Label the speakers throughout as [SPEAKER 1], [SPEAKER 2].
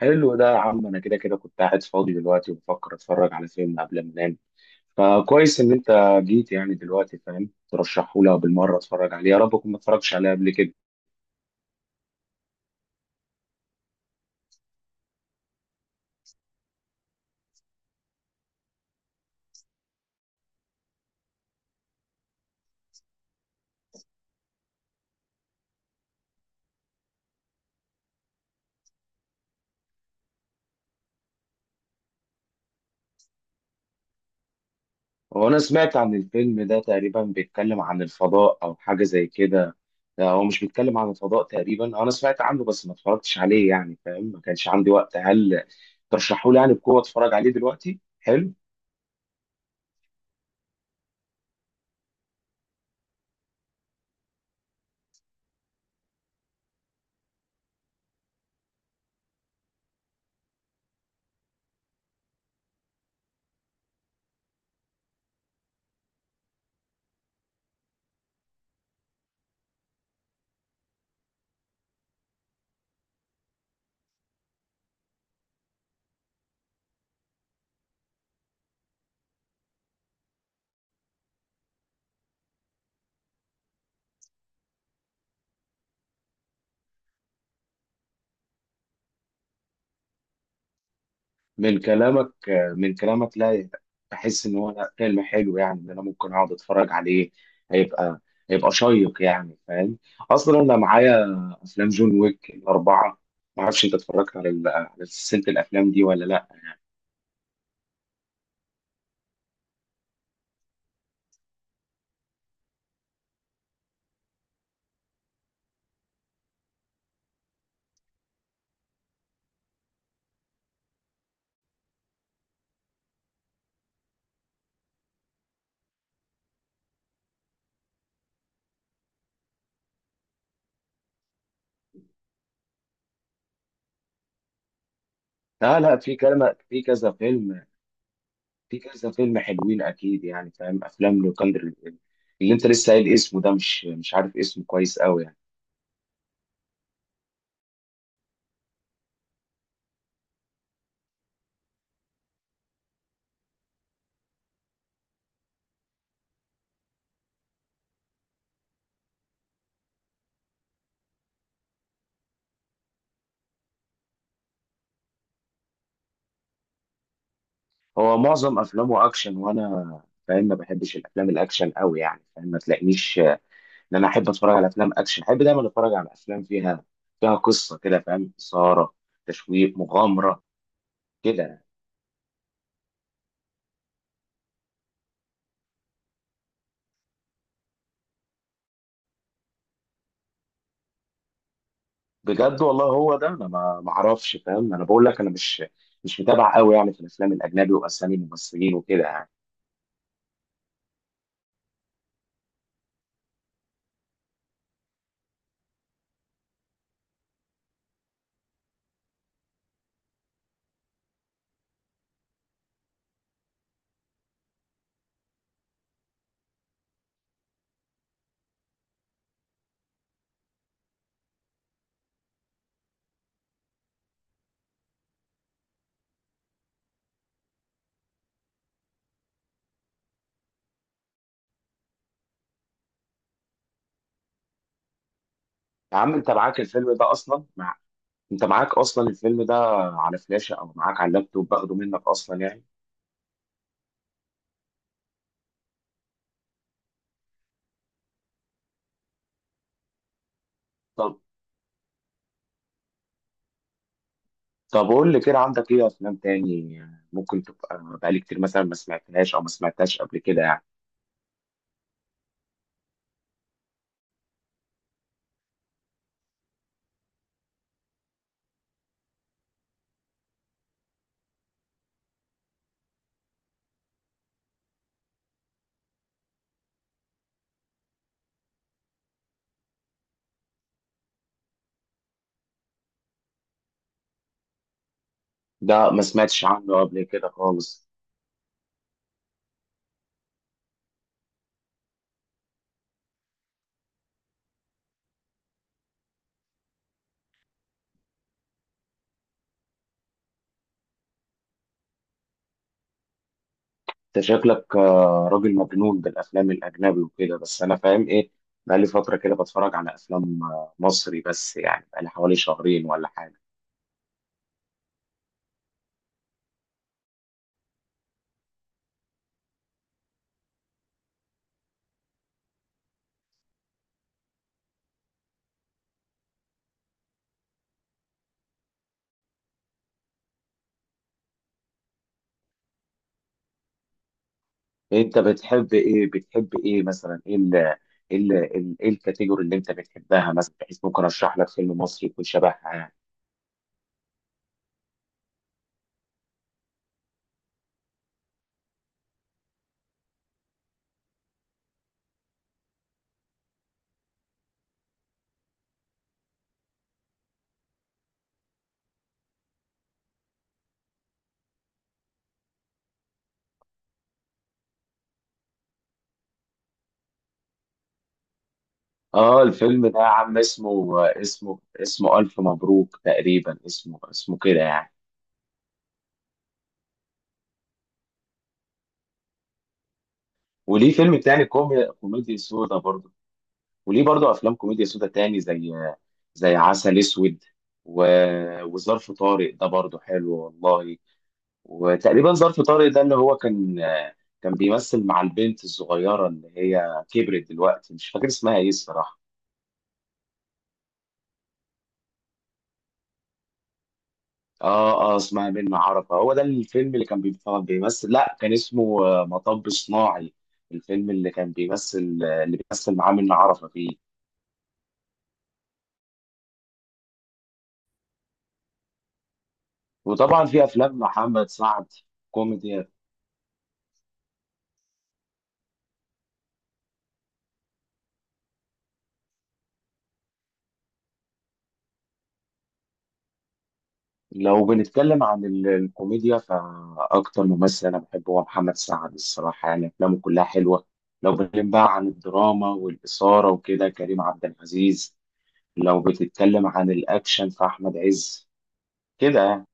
[SPEAKER 1] حلو ده يا عم. انا كده كنت قاعد فاضي دلوقتي وبفكر اتفرج على فيلم قبل ما انام. فكويس ان انت جيت يعني دلوقتي، فاهم؟ ترشحهولي بالمره اتفرج عليه، يا رب اكون ما اتفرجتش عليه قبل كده. هو انا سمعت عن الفيلم ده تقريبا بيتكلم عن الفضاء او حاجه زي كده. لا، هو مش بيتكلم عن الفضاء تقريبا؟ انا سمعت عنه بس ما اتفرجتش عليه يعني، فاهم؟ ما كانش عندي وقت. هل ترشحهولي يعني بقوه اتفرج عليه دلوقتي؟ حلو. من كلامك من كلامك لا، بحس ان هو لا، فيلم حلو يعني، ان انا ممكن اقعد اتفرج عليه. هيبقى هيبقى شيق يعني، فاهم؟ اصلا انا معايا افلام جون ويك الاربعه، ما اعرفش انت اتفرجت على على سلسله الافلام دي ولا لا. لا في كلام، في كذا فيلم، في كذا فيلم حلوين اكيد يعني، فاهم؟ افلام لوكاندر اللي انت لسه قايل اسمه ده، مش عارف اسمه كويس قوي يعني. هو معظم افلامه اكشن، وانا فاهم ما بحبش الافلام الاكشن قوي يعني، فاهم؟ ما تلاقينيش ان انا احب اتفرج على افلام اكشن، احب دايما اتفرج على افلام فيها قصه كده، فاهم؟ اثاره، تشويق، مغامره كده. بجد والله هو ده؟ انا ما اعرفش، فاهم؟ انا بقول لك انا مش متابع قوي يعني في الافلام الاجنبي واسامي الممثلين وكده يعني. يا عم انت معاك الفيلم ده اصلا انت معاك اصلا الفيلم ده على فلاشه او معاك على اللابتوب، باخده منك اصلا يعني. طب، طب قول لي كده، عندك ايه افلام تاني ممكن تبقى بقالي كتير مثلا ما سمعتهاش او ما سمعتهاش قبل كده يعني. ده ما سمعتش عنه قبل كده خالص. انت شكلك راجل مجنون بالافلام الاجنبي وكده. بس انا فاهم ايه، بقالي فتره كده بتفرج على افلام مصري بس يعني، بقالي حوالي 2 شهرين ولا حاجه. انت بتحب ايه؟ بتحب ايه مثلا؟ ايه ال ايه ال إيه ال- ايه الكاتيجوري اللي انت بتحبها مثلا، بحيث ممكن ارشح لك فيلم مصري يكون شبهها يعني؟ اه الفيلم ده يا عم اسمه، اسمه الف مبروك تقريبا، اسمه كده يعني. وليه فيلم تاني كومي، كوميدي سودا برضه. وليه برضو افلام كوميديا سودا تاني زي، زي عسل اسود و... وظرف طارق ده برضو حلو والله. وتقريبا ظرف طارق ده اللي هو كان بيمثل مع البنت الصغيره اللي هي كبرت دلوقتي، مش فاكر اسمها ايه الصراحه. اه اسمها منة عرفة. هو ده الفيلم اللي كان بيمثل، لا كان اسمه، مطب صناعي، الفيلم اللي كان بيمثل، اللي بيمثل معاه منة عرفة فيه. وطبعا في افلام محمد سعد كوميدي. لو بنتكلم عن الكوميديا، فأكتر ممثل أنا بحبه هو محمد سعد الصراحة، يعني أفلامه كلها حلوة. لو بنتكلم بقى عن الدراما والإثارة وكده، كريم عبد العزيز. لو بتتكلم عن الأكشن، فأحمد عز كده يعني.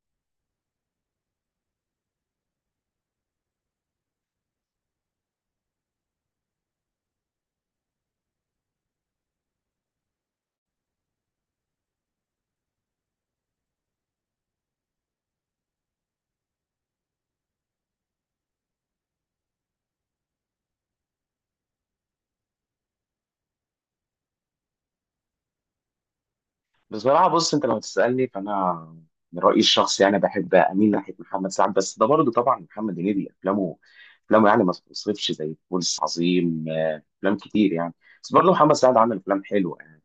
[SPEAKER 1] بصراحة بص، أنت لو تسألني فأنا من رأيي الشخصي يعني بحب أميل ناحية محمد سعد. بس ده برضه طبعا محمد هنيدي، أفلامه يعني ما تتوصفش، زي فول الصين العظيم، أفلام كتير يعني. بس برضه محمد سعد عمل أفلام حلوة يعني.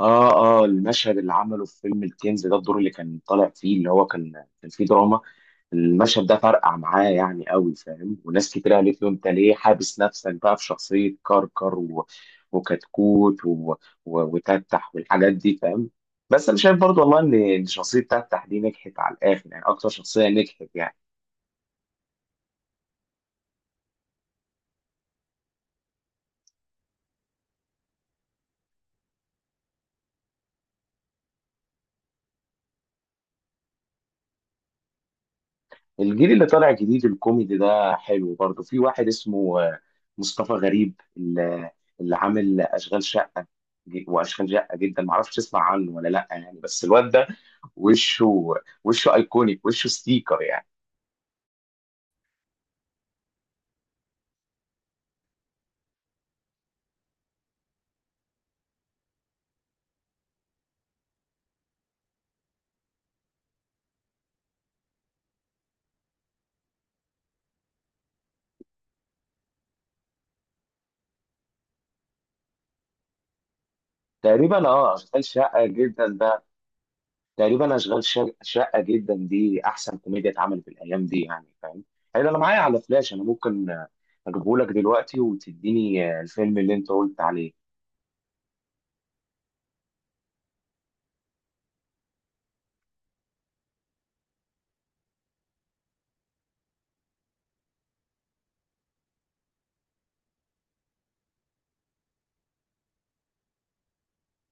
[SPEAKER 1] اه اه المشهد اللي عمله في فيلم الكنز ده، الدور اللي كان طالع فيه اللي هو كان فيه دراما، المشهد ده فرقع معاه يعني قوي، فاهم؟ وناس كتير قالت له انت ليه حابس نفسك بقى في شخصية كركر وكتكوت وتتح والحاجات دي، فاهم؟ بس انا شايف برضو والله ان إن شخصية تتح دي نجحت على الاخر يعني، اكتر شخصية نجحت يعني. الجيل اللي طالع جديد الكوميدي ده حلو برضه. في واحد اسمه مصطفى غريب، اللي عامل اشغال شقه واشغال شقه جدا، معرفش تسمع عنه ولا لا يعني. بس الواد ده وشه، وشه ايكونيك، وشه ستيكر يعني. تقريبا اه اشغال شقه جدا ده، تقريبا شقه جدا دي احسن كوميديا اتعملت الايام دي يعني، فاهم؟ حلو، انا معايا على فلاش، انا ممكن اجيبه لك دلوقتي وتديني الفيلم اللي انت قلت عليه.